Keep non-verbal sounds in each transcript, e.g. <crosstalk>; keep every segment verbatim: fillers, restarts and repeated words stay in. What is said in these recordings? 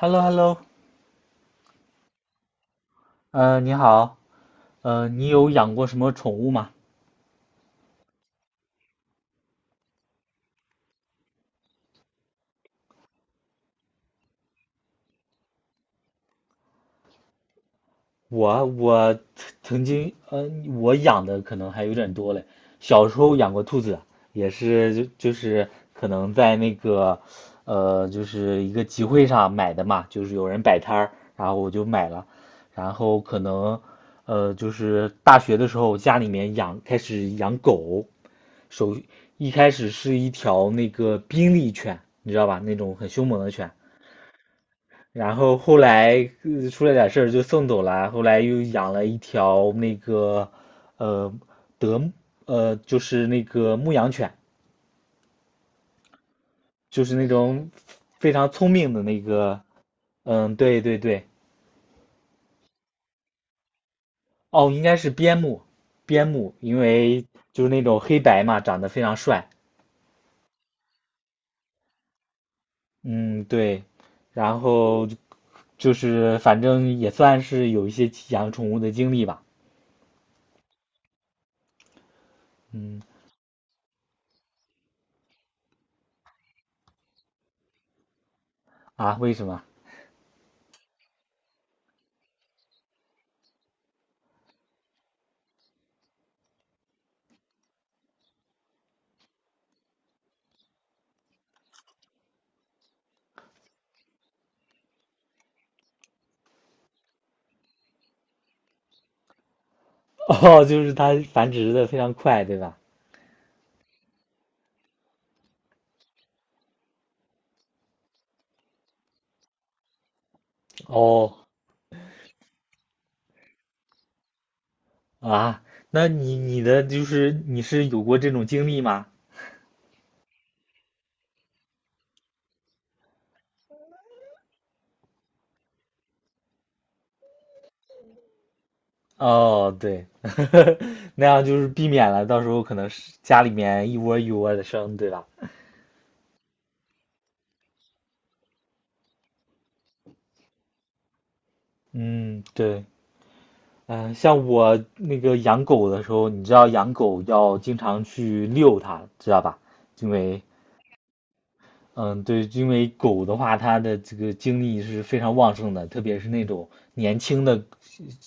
h e l l o h e l l o 呃，你好。呃，你有养过什么宠物吗？我我曾经，呃，我养的可能还有点多嘞。小时候养过兔子，也是就就是可能在那个，呃，就是一个集会上买的嘛，就是有人摆摊儿，然后我就买了。然后可能，呃，就是大学的时候家里面养开始养狗。首一开始是一条那个宾利犬，你知道吧？那种很凶猛的犬。然后后来，呃出了点事儿就送走了，后来又养了一条那个，呃德呃就是那个牧羊犬，就是那种非常聪明的那个。嗯，对对对。哦，应该是边牧。边牧，因为就是那种黑白嘛，长得非常帅。嗯，对，然后就是反正也算是有一些养宠物的经历吧。嗯。啊，为什么？<laughs> 哦，就是它繁殖的非常快，对吧？哦。啊，那你你的就是你是有过这种经历吗？哦，对。<laughs> 那样就是避免了到时候可能是家里面一窝一窝的生，对吧？嗯，对。嗯、像我那个养狗的时候，你知道养狗要经常去遛它，知道吧？因为，嗯，对，因为狗的话，它的这个精力是非常旺盛的，特别是那种年轻的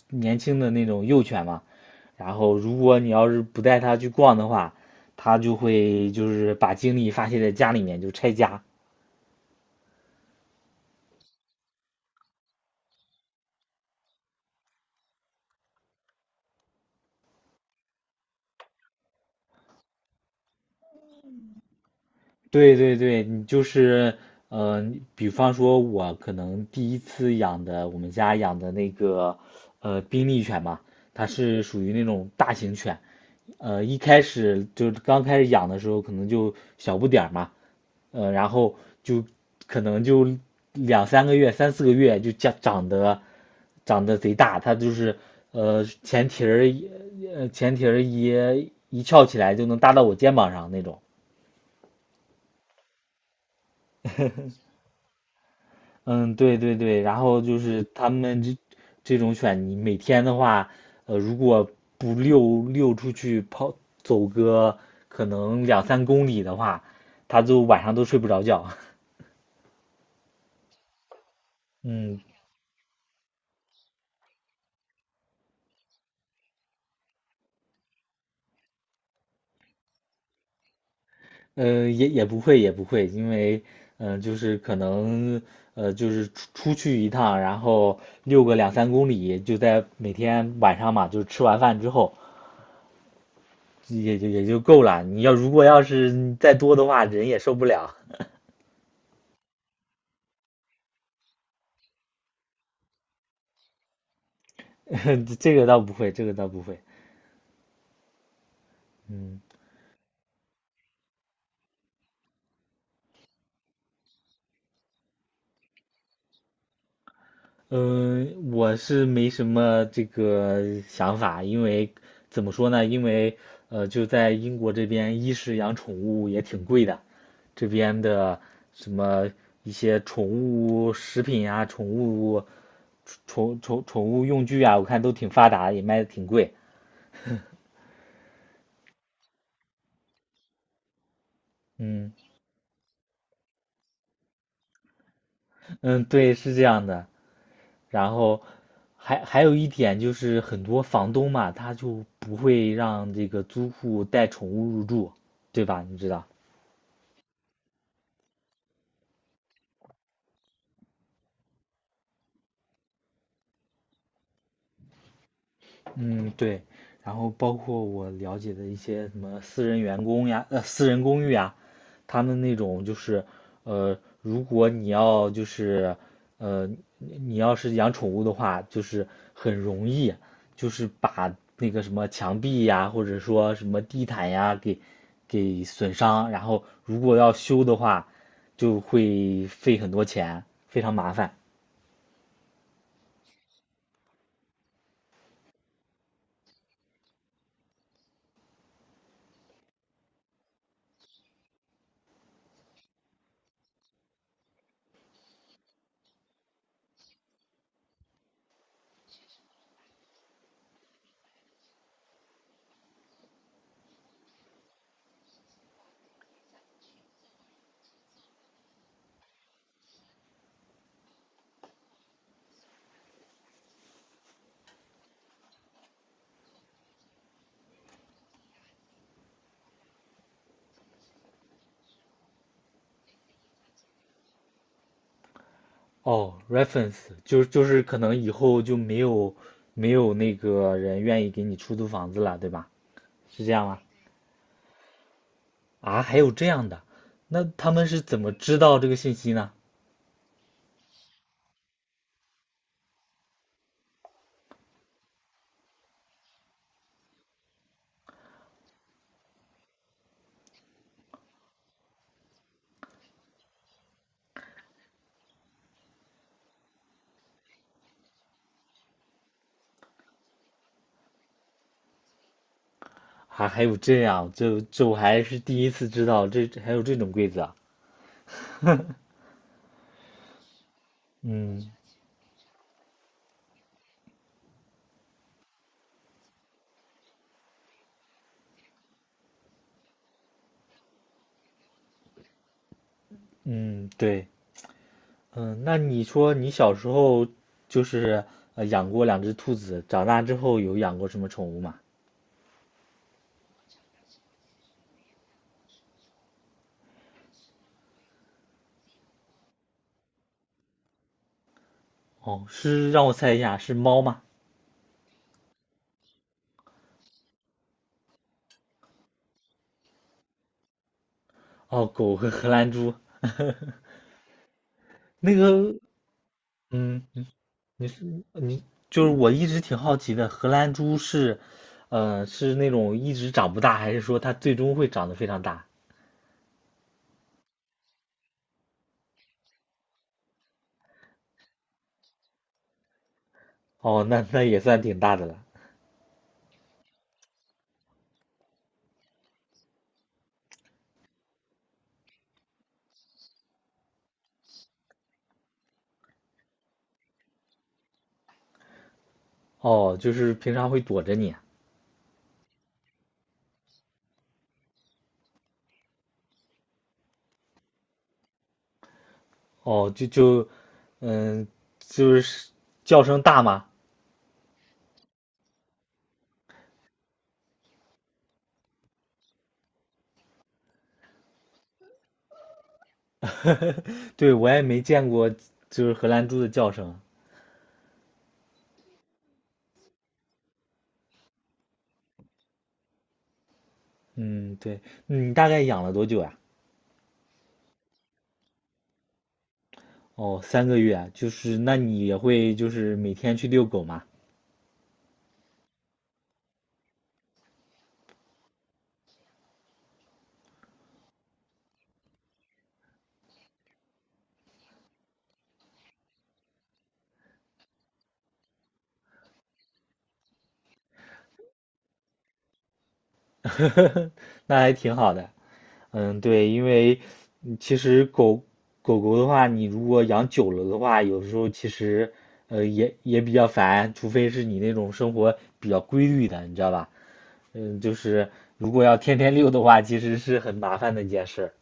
年轻的那种幼犬嘛。然后如果你要是不带它去逛的话，它就会就是把精力发泄在家里面，就拆家。对对对，你就是，呃，比方说，我可能第一次养的，我们家养的那个，呃，宾利犬嘛，它是属于那种大型犬。呃，一开始就是刚开始养的时候，可能就小不点儿嘛。呃，然后就可能就两三个月、三四个月就长长得长得贼大。它就是呃前蹄儿一呃前蹄儿一一翘起来就能搭到我肩膀上那种。嗯，对对对，然后就是他们这这种犬，你每天的话，呃，如果不遛遛出去跑走个可能两三公里的话，它就晚上都睡不着觉。<laughs> 嗯。呃，也也不会也不会，因为嗯、呃就是可能呃，就是出出去一趟，然后遛个两三公里，就在每天晚上嘛，就是吃完饭之后，也就也就够了。你要如果要是再多的话，人也受不了。<laughs> 这个倒不会，这个倒不会。嗯嗯、呃我是没什么这个想法。因为怎么说呢？因为呃，就在英国这边，一是养宠物也挺贵的，这边的什么一些宠物食品啊、宠物宠宠宠物用具啊，我看都挺发达，也卖的挺贵。嗯嗯，对，是这样的。然后还还有一点就是很多房东嘛，他就不会让这个租户带宠物入住，对吧？你知道。嗯，对，然后包括我了解的一些什么私人员工呀，呃，私人公寓呀，他们那种就是，呃，如果你要就是，呃，你要是养宠物的话，就是很容易，就是把那个什么墙壁呀，或者说什么地毯呀，给给损伤。然后如果要修的话，就会费很多钱，非常麻烦。哦，reference 就是就是可能以后就没有没有那个人愿意给你出租房子了，对吧？是这样吗？啊，还有这样的。那他们是怎么知道这个信息呢？啊，还有这样，这这我还是第一次知道，这这还有这种规则啊。<laughs> 嗯嗯，对。嗯，那你说你小时候就是呃养过两只兔子，长大之后有养过什么宠物吗？哦，是让我猜一下，是猫吗？哦，狗和荷兰猪。<laughs> 那个，嗯，你是你就是我一直挺好奇的。荷兰猪是，呃，是那种一直长不大，还是说它最终会长得非常大？哦，那那也算挺大的了。哦，就是平常会躲着你啊。哦，就就，嗯，就是叫声大吗？<laughs> 对，我也没见过，就是荷兰猪的叫声。嗯，对。你大概养了多久呀？哦，三个月啊，就是那你也会就是每天去遛狗吗？<laughs> 那还挺好的。嗯，对，因为嗯其实狗狗狗的话，你如果养久了的话，有时候其实呃也也比较烦，除非是你那种生活比较规律的，你知道吧？嗯，就是如果要天天遛的话，其实是很麻烦的一件事。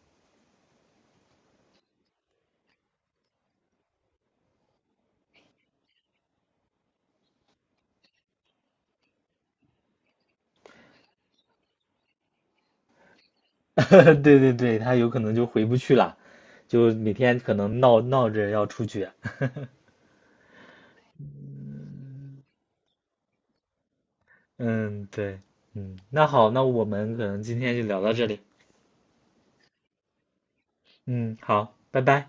<laughs> 对对对，它有可能就回不去了，就每天可能闹闹着要出去。<laughs> 嗯，对。嗯，那好，那我们可能今天就聊到这里。嗯，好，拜拜。